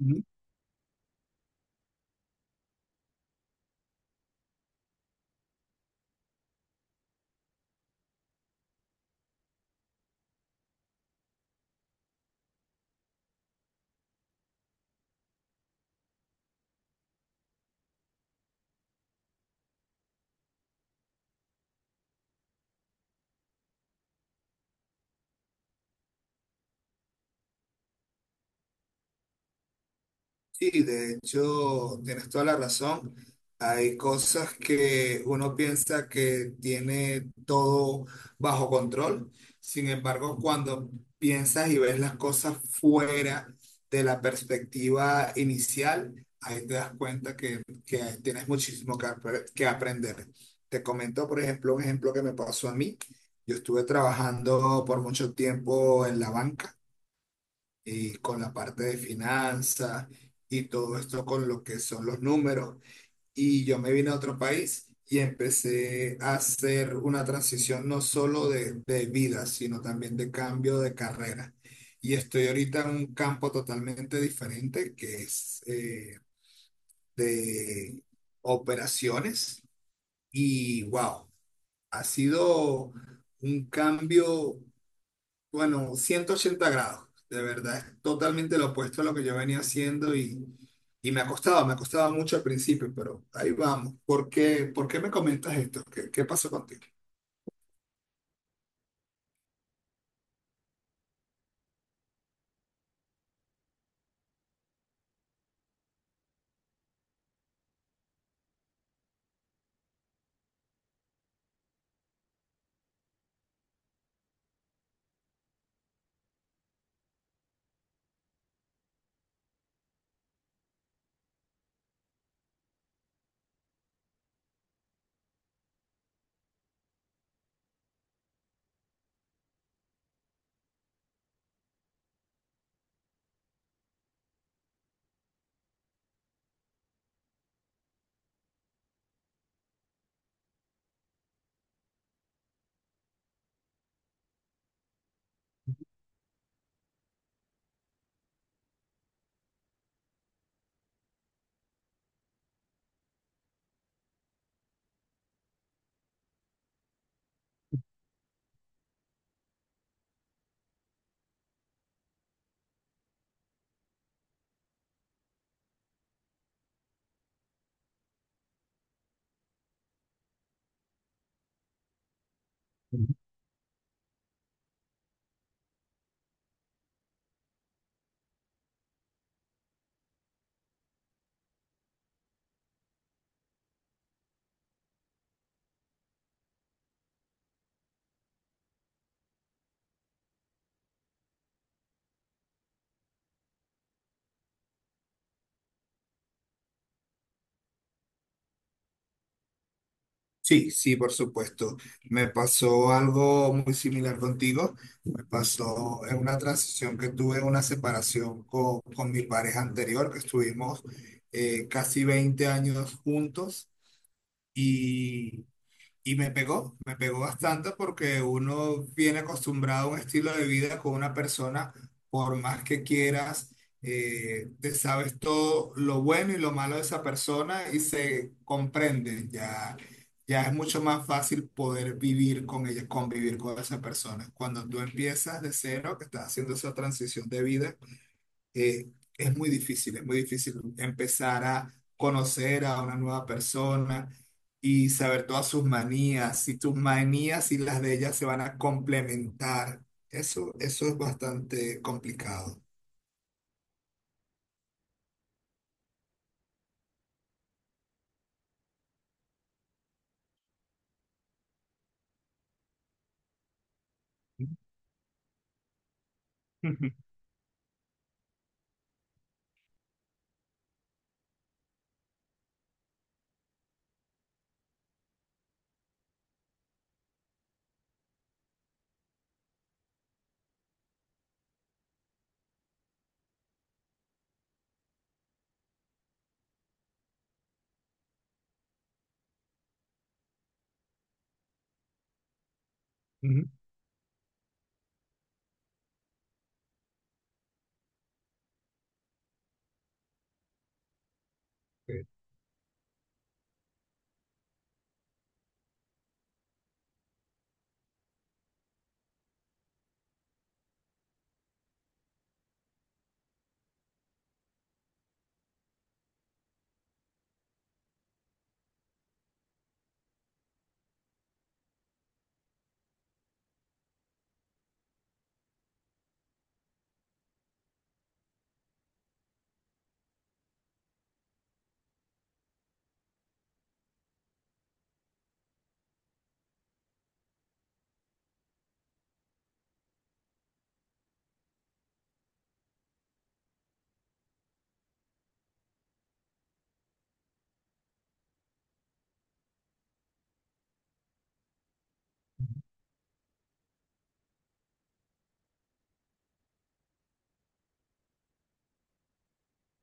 Ujú. Sí, de hecho, tienes toda la razón. Hay cosas que uno piensa que tiene todo bajo control. Sin embargo, cuando piensas y ves las cosas fuera de la perspectiva inicial, ahí te das cuenta que tienes muchísimo que aprender. Te comento, por ejemplo, un ejemplo que me pasó a mí. Yo estuve trabajando por mucho tiempo en la banca, y con la parte de finanzas y todo esto con lo que son los números. Y yo me vine a otro país y empecé a hacer una transición no solo de vida, sino también de cambio de carrera. Y estoy ahorita en un campo totalmente diferente que es de operaciones y wow, ha sido un cambio bueno, 180 grados, de verdad, es totalmente lo opuesto a lo que yo venía haciendo y me ha costado mucho al principio, pero ahí vamos. ¿Por qué me comentas esto? ¿Qué pasó contigo? Sí, sí, por supuesto. Me pasó algo muy similar contigo. Me pasó en una transición que tuve, una separación con mi pareja anterior, que estuvimos casi 20 años juntos. Y me pegó bastante porque uno viene acostumbrado a un estilo de vida con una persona, por más que quieras, te sabes todo lo bueno y lo malo de esa persona y se comprende. Ya, ya es mucho más fácil poder vivir con ella, convivir con esa persona. Cuando tú empiezas de cero, que estás haciendo esa transición de vida eh, es muy difícil empezar a conocer a una nueva persona y saber todas sus manías, si tus manías y las de ella se van a complementar. Eso es bastante complicado. Ujú.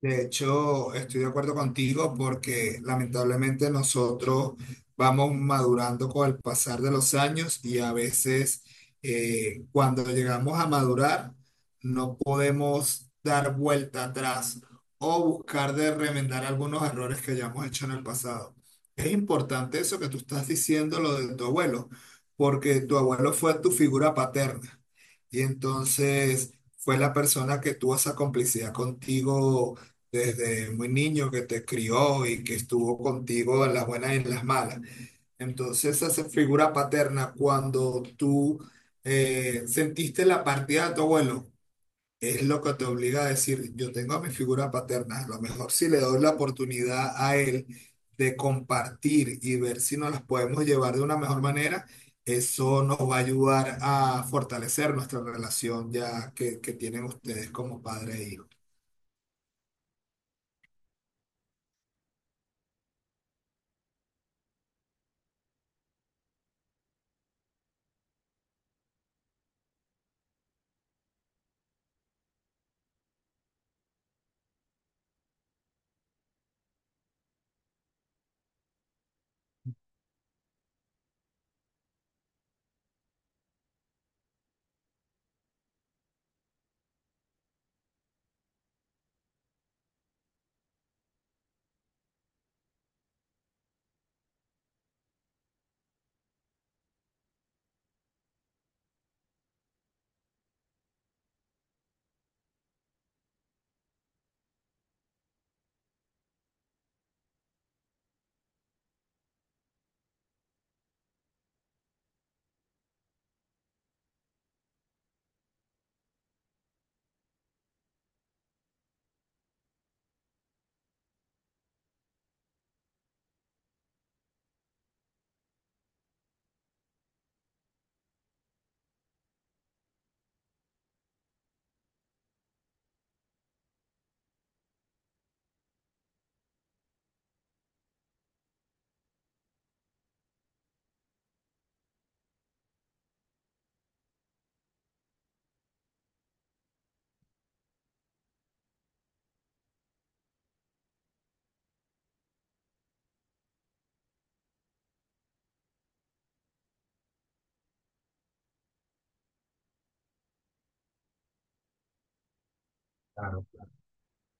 De hecho, estoy de acuerdo contigo porque lamentablemente nosotros vamos madurando con el pasar de los años y a veces cuando llegamos a madurar no podemos dar vuelta atrás o buscar de remendar algunos errores que hayamos hecho en el pasado. Es importante eso que tú estás diciendo, lo de tu abuelo, porque tu abuelo fue tu figura paterna y entonces fue la persona que tuvo esa complicidad contigo desde muy niño que te crió y que estuvo contigo en las buenas y en las malas. Entonces, esa figura paterna, cuando tú sentiste la partida de tu abuelo, es lo que te obliga a decir, yo tengo a mi figura paterna, a lo mejor si le doy la oportunidad a él de compartir y ver si nos las podemos llevar de una mejor manera. Eso nos va a ayudar a fortalecer nuestra relación ya que tienen ustedes como padre e hijo.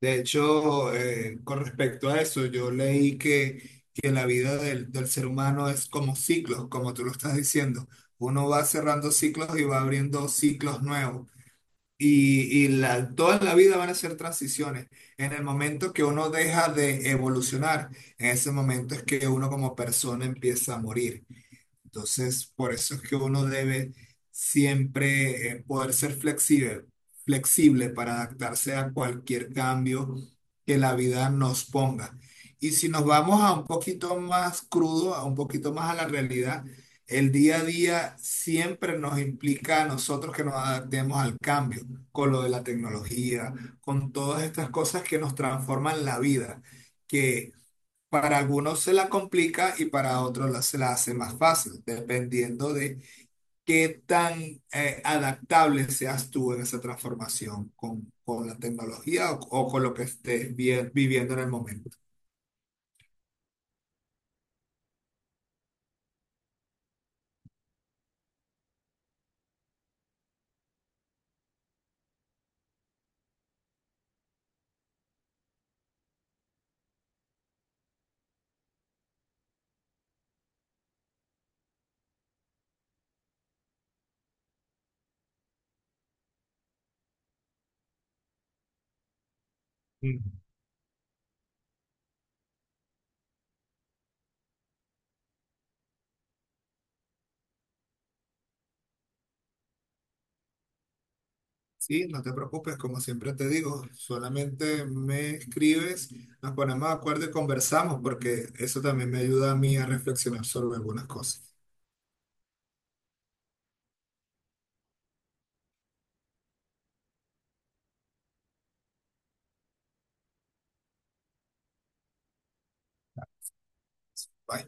De hecho, con respecto a eso, yo leí que la vida del ser humano es como ciclos, como tú lo estás diciendo. Uno va cerrando ciclos y va abriendo ciclos nuevos. Y toda la vida van a ser transiciones. En el momento que uno deja de evolucionar, en ese momento es que uno como persona empieza a morir. Entonces, por eso es que uno debe siempre poder ser flexible, para adaptarse a cualquier cambio que la vida nos ponga. Y si nos vamos a un poquito más crudo, a un poquito más a la realidad, el día a día siempre nos implica a nosotros que nos adaptemos al cambio, con lo de la tecnología, con todas estas cosas que nos transforman la vida. Que para algunos se la complica y para otros se la hace más fácil, dependiendo de qué tan adaptable seas tú en esa transformación con la tecnología o con lo que estés viviendo en el momento. Mm. Sí, no te preocupes, como siempre te digo, solamente me escribes, nos ponemos de acuerdo y conversamos, porque eso también me ayuda a mí a reflexionar sobre algunas cosas. Bye.